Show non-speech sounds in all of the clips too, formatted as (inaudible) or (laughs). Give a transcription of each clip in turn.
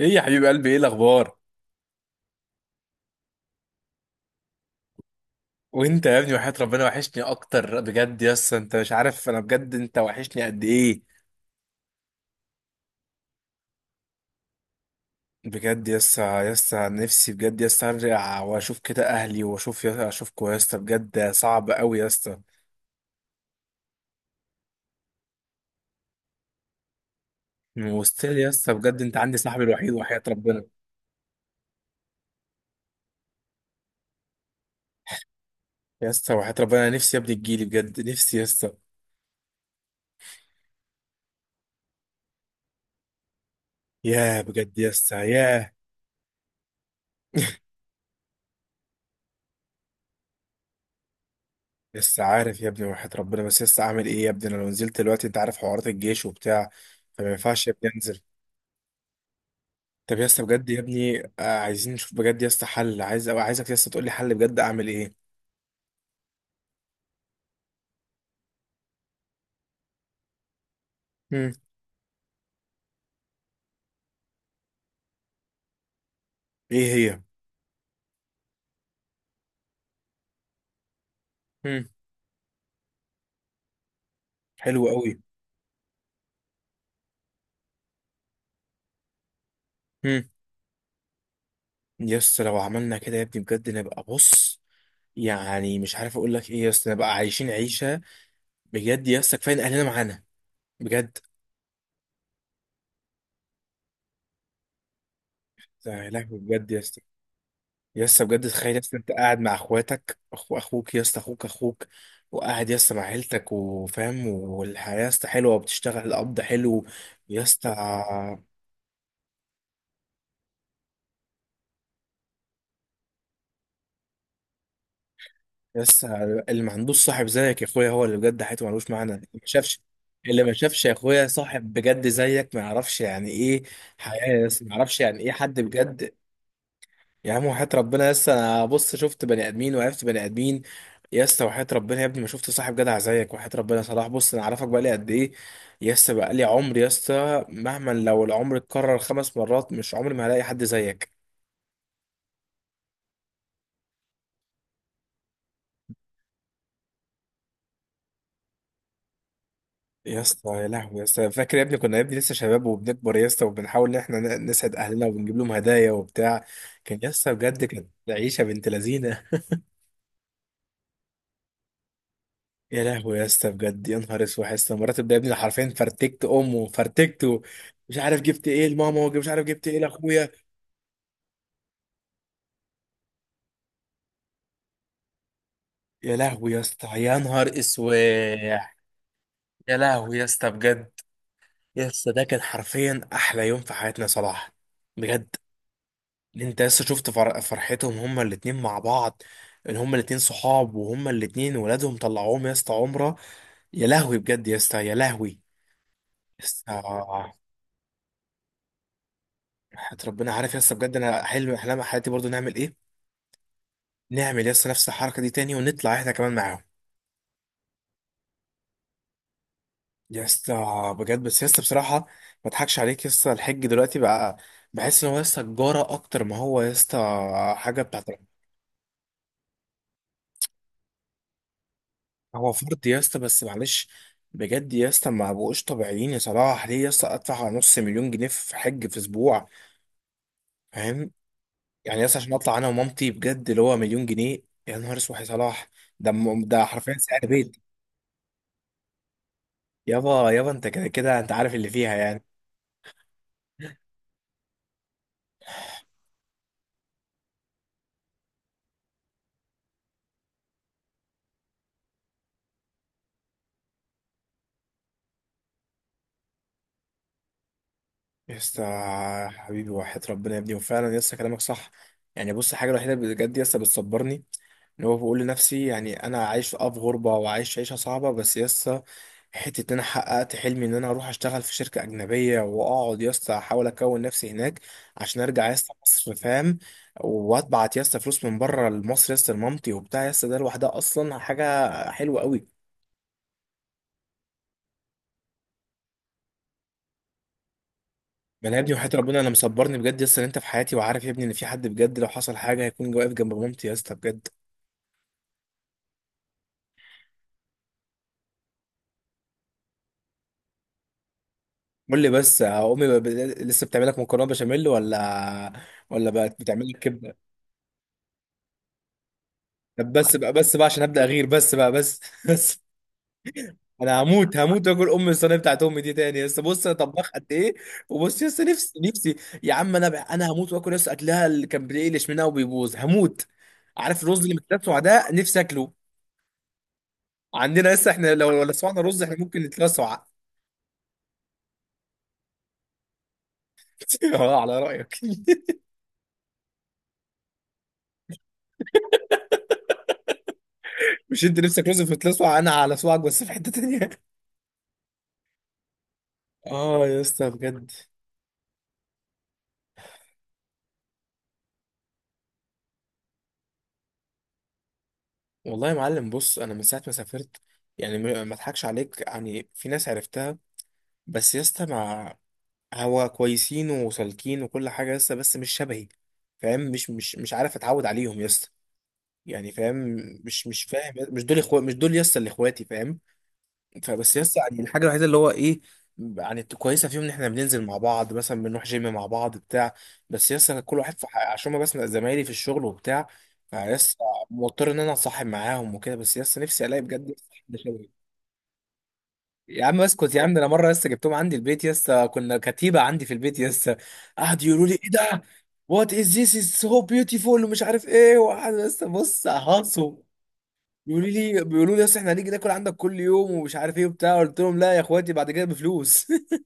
ايه يا حبيب قلبي، ايه الاخبار؟ وانت يا ابني، وحياة ربنا وحشني اكتر، بجد يسا انت مش عارف انا بجد انت وحشني قد ايه. بجد يسا، يسا نفسي بجد يسا ارجع واشوف كده اهلي واشوف يسا، اشوفكوا يسا، بجد صعب قوي يسا. وستيل يسا، بجد انت عندي صاحبي الوحيد وحياة ربنا. يسا وحياة ربنا نفسي يا ابني تجيلي، بجد نفسي يسا. ياه بجد يسا، ياه. لسه عارف يا ابني وحياة ربنا، بس لسه اعمل ايه يا ابني؟ انا لو نزلت دلوقتي انت عارف حوارات الجيش وبتاع، فما ينفعش يا ابني انزل. طب يا اسطى، بجد يا ابني، عايزين نشوف بجد يا اسطى حل، عايز أو عايزك يا اسطى تقول لي حل بجد، اعمل ايه؟ امم. ايه هي؟ امم. حلو قوي. امم. يا اسطى لو عملنا كده يا ابني بجد نبقى بص، يعني مش عارف اقول لك ايه يا اسطى، نبقى عايشين عيشه. بجد يا اسطى كفايه إن اهلنا معانا، بجد. يا لهوي بجد يا اسطى. يا اسطى بجد تخيل يا اسطى انت قاعد مع اخواتك، اخو اخوك يا اسطى، اخوك اخوك، وقاعد يا اسطى مع عيلتك وفاهم، والحياه يا اسطى حلوه وبتشتغل، القبض حلو. يا اسطى بس، اللي ما عندوش صاحب زيك يا اخويا هو اللي بجد حياته ملوش معنى، اللي ما شافش، اللي ما شافش يا اخويا صاحب بجد زيك ما يعرفش يعني ايه حياة، بس ما يعرفش يعني ايه حد بجد. يا عم وحياة ربنا يس، انا بص شفت بني ادمين وعرفت بني ادمين، يس وحياة ربنا يا ابني ما شفت صاحب جدع زيك، وحياة ربنا صلاح بص انا عارفك بقالي قد ايه، يس بقالي عمر يس، مهما لو العمر اتكرر 5 مرات مش عمري ما هلاقي حد زيك. يا اسطى يا لهوي يا اسطى، فاكر يا ابني كنا يا ابني لسه شباب وبنكبر يا اسطى، وبنحاول ان احنا نسعد اهلنا وبنجيب لهم هدايا وبتاع. كان يا اسطى بجد كانت عيشه بنت لذينه. يا لهوي يا اسطى، بجد يا نهار اسود يا اسطى، مرات ده يا ابني حرفيا فرتكت امه فرتكته، مش عارف جبت ايه لماما ومش عارف جبت ايه لاخويا. يا لهوي يا اسطى يا نهار اسود. يا لهوي يا اسطى بجد. يا اسطى ده كان حرفيا احلى يوم في حياتنا يا صلاح، بجد. انت لسه شفت فرحتهم هما الاتنين مع بعض، ان هما الاتنين صحاب وهما الاتنين ولادهم طلعوهم يا اسطى عمرة. يا لهوي بجد يا اسطى، يا لهوي. يا اسطى حياة ربنا عارف يا اسطى، بجد انا حلم من احلام حياتي برضو، نعمل ايه؟ نعمل يا اسطى نفس الحركة دي تاني، ونطلع احنا كمان معاهم. يا اسطى. بجد بس يا اسطى بصراحة ما اضحكش عليك يا اسطى، الحج دلوقتي بقى بحس ان هو يا اسطى تجارة اكتر ما هو يا اسطى حاجة بتاعت. هو فرد يا اسطى بس معلش. بجد يا اسطى ما بقوش طبيعيين يا صلاح، ليه يا اسطى ادفع على نص مليون جنيه في حج في اسبوع؟ فاهم؟ يعني يا اسطى عشان اطلع انا ومامتي بجد اللي هو مليون جنيه. يا نهار اسود يا صلاح. ده ده حرفيا سعر بيت. يابا يابا، انت كده كده انت عارف اللي فيها يعني. يا اسطى حبيبي، وحياة ربنا يا ابني، وفعلا يا اسطى كلامك صح. يعني بص، الحاجه الوحيده بجد يا اسطى بتصبرني، اللي هو بقول لنفسي يعني انا عايش في في غربه وعايش عيشه صعبه، بس يسا حته ان انا حققت حلمي ان انا اروح اشتغل في شركه اجنبيه، واقعد يسا احاول اكون نفسي هناك عشان ارجع يسا مصر، فاهم؟ واتبعت يسا فلوس من بره لمصر يسا، لمامتي وبتاع يسا، ده لوحدها اصلا حاجه حلوه قوي. ما انا يا ابني وحياة ربنا انا مصبرني بجد يسا ان انت في حياتي، وعارف يا ابني ان في حد بجد لو حصل حاجه هيكون واقف جنب مامتي يسا، بجد. قول لي بس، امي لسه بتعملك مكرونه بشاميل ولا ولا بقت بتعمل لك كبده؟ طب بس بقى، بس بقى عشان هبدأ اغير، بس بقى بس (laughs) بس. انا هموت هموت واكل ام الصينيه بتاعت امي دي تاني، لسه بص انا طباخ قد ايه. وبص لسه نفسي نفسي. يا عم انا بقى، انا هموت واكل لسه اكلها اللي كان بيقلش منها وبيبوظ، هموت. عارف الرز اللي متلسع ده نفسي اكله. عندنا لسه احنا لو لسعنا رز احنا ممكن نتلسع (laughs) اه، على رايك (laughs) مش انت نفسك رز في تلسع انا على سواك، بس في حته تانيه (laughs) اه يا اسطى بجد. والله يا معلم بص، انا من ساعه ما سافرت يعني، ما اضحكش عليك، يعني في ناس عرفتها، بس يا اسطى مع، هو كويسين وسالكين وكل حاجه لسه، بس مش شبهي، فاهم؟ مش عارف اتعود عليهم يا اسطى. يعني فاهم، مش فاهم، مش دول اخوات، مش دول يا اسطى اللي اخواتي، فاهم؟ فبس يا اسطى، يعني الحاجه الوحيده اللي هو ايه، يعني كويسه فيهم، ان احنا بننزل مع بعض مثلا، بنروح جيم مع بعض بتاع، بس يا اسطى كل واحد في عشان ما، بس زمايلي في الشغل وبتاع. فيا اسطى مضطر ان انا اتصاحب معاهم وكده، بس يا اسطى نفسي الاقي بجد حد شبهي. يا عم اسكت يا عم، ده انا مره لسه جبتهم عندي البيت، لسه كنا كتيبه عندي في البيت لسه، قعدوا يقولوا لي ايه ده، وات از ذيس از سو بيوتيفول ومش عارف ايه، وقعد لسه بص اهاصوا، يقولوا لي بيقولوا لي اصل احنا هنيجي ناكل عندك كل يوم ومش عارف ايه وبتاع، قلت لهم لا يا اخواتي بعد كده بفلوس (laughs)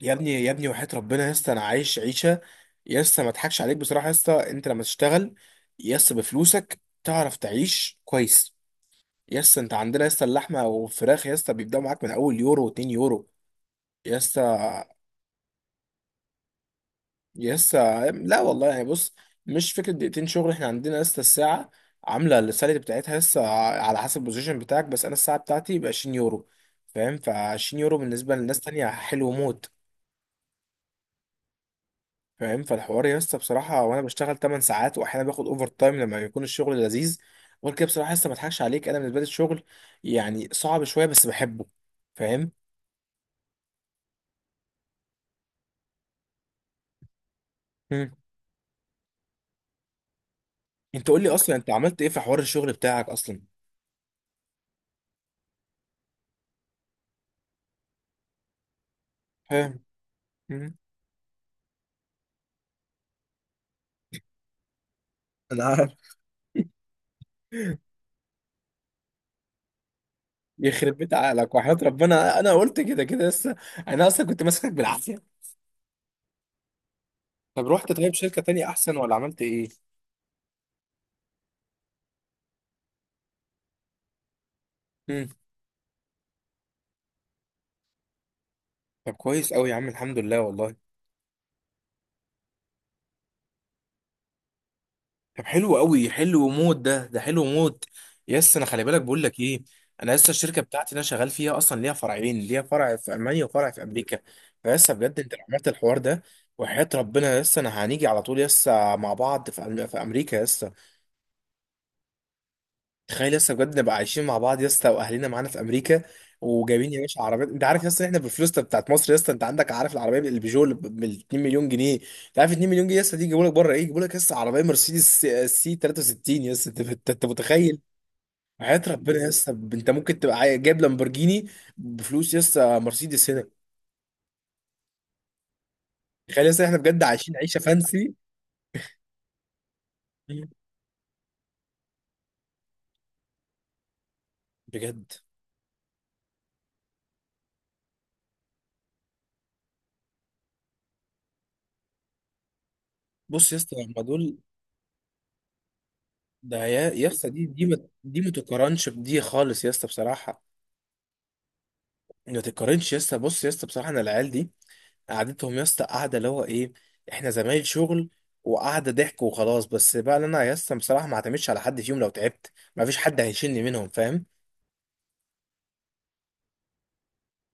يا ابني يا ابني وحياه ربنا لسه انا عايش عيشه، لسه ما اضحكش عليك بصراحه، لسه انت لما تشتغل لسه بفلوسك تعرف تعيش كويس، يس انت عندنا يس اللحمه والفراخ يس بيبداوا معاك من اول يورو و2 يورو، يسا. يسا لا والله يعني بص، مش فكرة دقيقتين شغل، احنا عندنا لسه الساعة عاملة السالري بتاعتها لسه، على حسب البوزيشن بتاعك، بس انا الساعة بتاعتي ب 20 يورو، فاهم؟ ف 20 يورو بالنسبة لناس تانية حلو موت، فاهم؟ فالحوار يسا بصراحة، وانا بشتغل 8 ساعات واحيانا باخد اوفر تايم لما يكون الشغل لذيذ. غير كده بصراحة لسه ما اضحكش عليك، انا بالنسبة لي الشغل يعني صعب شوية بس بحبه، فاهم؟ مم. انت قول لي اصلا، انت عملت ايه في حوار الشغل بتاعك اصلا؟ فاهم مم. انا عارف. يخرب بيت عقلك، وحياة ربنا انا قلت كده كده لسه، انا اصلا كنت ماسكك بالعافيه. طب رحت طيب شركه تانية احسن ولا عملت ايه؟ امم. طب كويس قوي يا عم، الحمد لله والله. طب حلو قوي، حلو موت ده، ده حلو موت. يس انا خلي بالك بقول لك ايه، انا لسه الشركه بتاعتي اللي انا شغال فيها اصلا ليها فرعين، ليها فرع في المانيا وفرع في امريكا. فلسه بجد انت لو عملت الحوار ده، وحياة ربنا لسه انا هنيجي على طول، لسه مع بعض في في امريكا لسه. تخيل لسه بجد نبقى عايشين مع بعض يا اسطى، واهلنا معانا في امريكا، وجايبين يا باشا عربيات، انت عارف يا اسطى احنا بالفلوس بتاعت مصر، يا اسطى انت عندك عارف العربيه البيجو اللي ب 2 مليون جنيه؟ انت عارف 2 مليون جنيه يا اسطى دي يجيبوا لك بره ايه؟ يجيبوا لك يا اسطى عربيه مرسيدس سي سي 63 يا اسطى، انت انت انت متخيل؟ حياه ربنا يا اسطى، انت ممكن تبقى جايب لامبورجيني بفلوس يا اسطى مرسيدس هنا. تخيل يا اسطى احنا بجد عايشين عيشه فانسي. بجد. بص يا اسطى هم دول، ده يا يا اسطى دي دي ما تقارنش بدي خالص يا اسطى بصراحه، ما تتقارنش يا اسطى. بص يا اسطى بصراحه، انا العيال دي قعدتهم يا اسطى قاعده اللي هو ايه، احنا زمايل شغل وقعده ضحك وخلاص. بس بقى اللي انا يا اسطى بصراحه ما اعتمدش على حد فيهم، لو تعبت ما فيش حد هيشيلني منهم، فاهم؟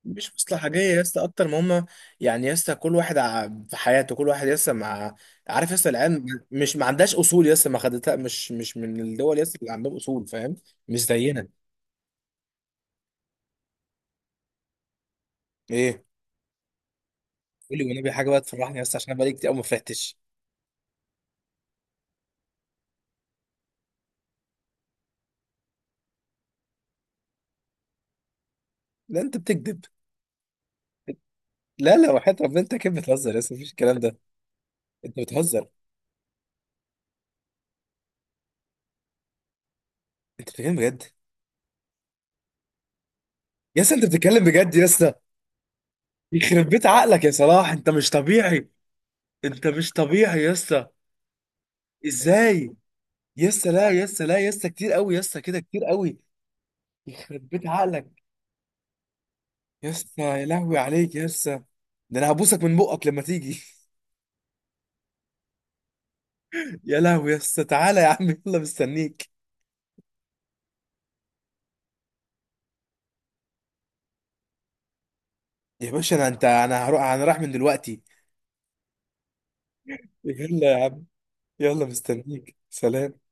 مش مصلحه جايه يا اسطى اكتر ما هم، يعني يا اسطى كل واحد في حياته، كل واحد يا اسطى مع، عارف يا اسطى العيال مش، ما عندهاش اصول يا اسطى، ما خدتها مش، مش من الدول يا اسطى اللي عندهم اصول، فاهم؟ مش زينا. ايه؟ قولي والنبي حاجه بقى تفرحني يا اسطى، عشان انا بقالي كتير قوي ما فرحتش. لا انت بتكذب. لا لا، وحياة ربنا انت اكيد بتهزر يا اسطى، مفيش الكلام ده. انت بتهزر. انت بتتكلم بجد يا اسطى؟ انت بتتكلم بجد يا اسطى؟ يخرب بيت عقلك يا صلاح، انت مش طبيعي، انت مش طبيعي يا اسطى. ازاي؟ يا اسطى لا يا اسطى، لا يا اسطى كتير قوي يا اسطى، كده كتير قوي. يخرب بيت عقلك. يا اسطى يا لهوي عليك يا اسطى، ده انا هبوسك من بقك لما تيجي (laughs) يا لهوي يا اسطى، تعالى يا عم، يلا مستنيك. يا باشا انا، انت انا هروح، انا رايح من دلوقتي. يلا يا عم، يلا مستنيك، سلام.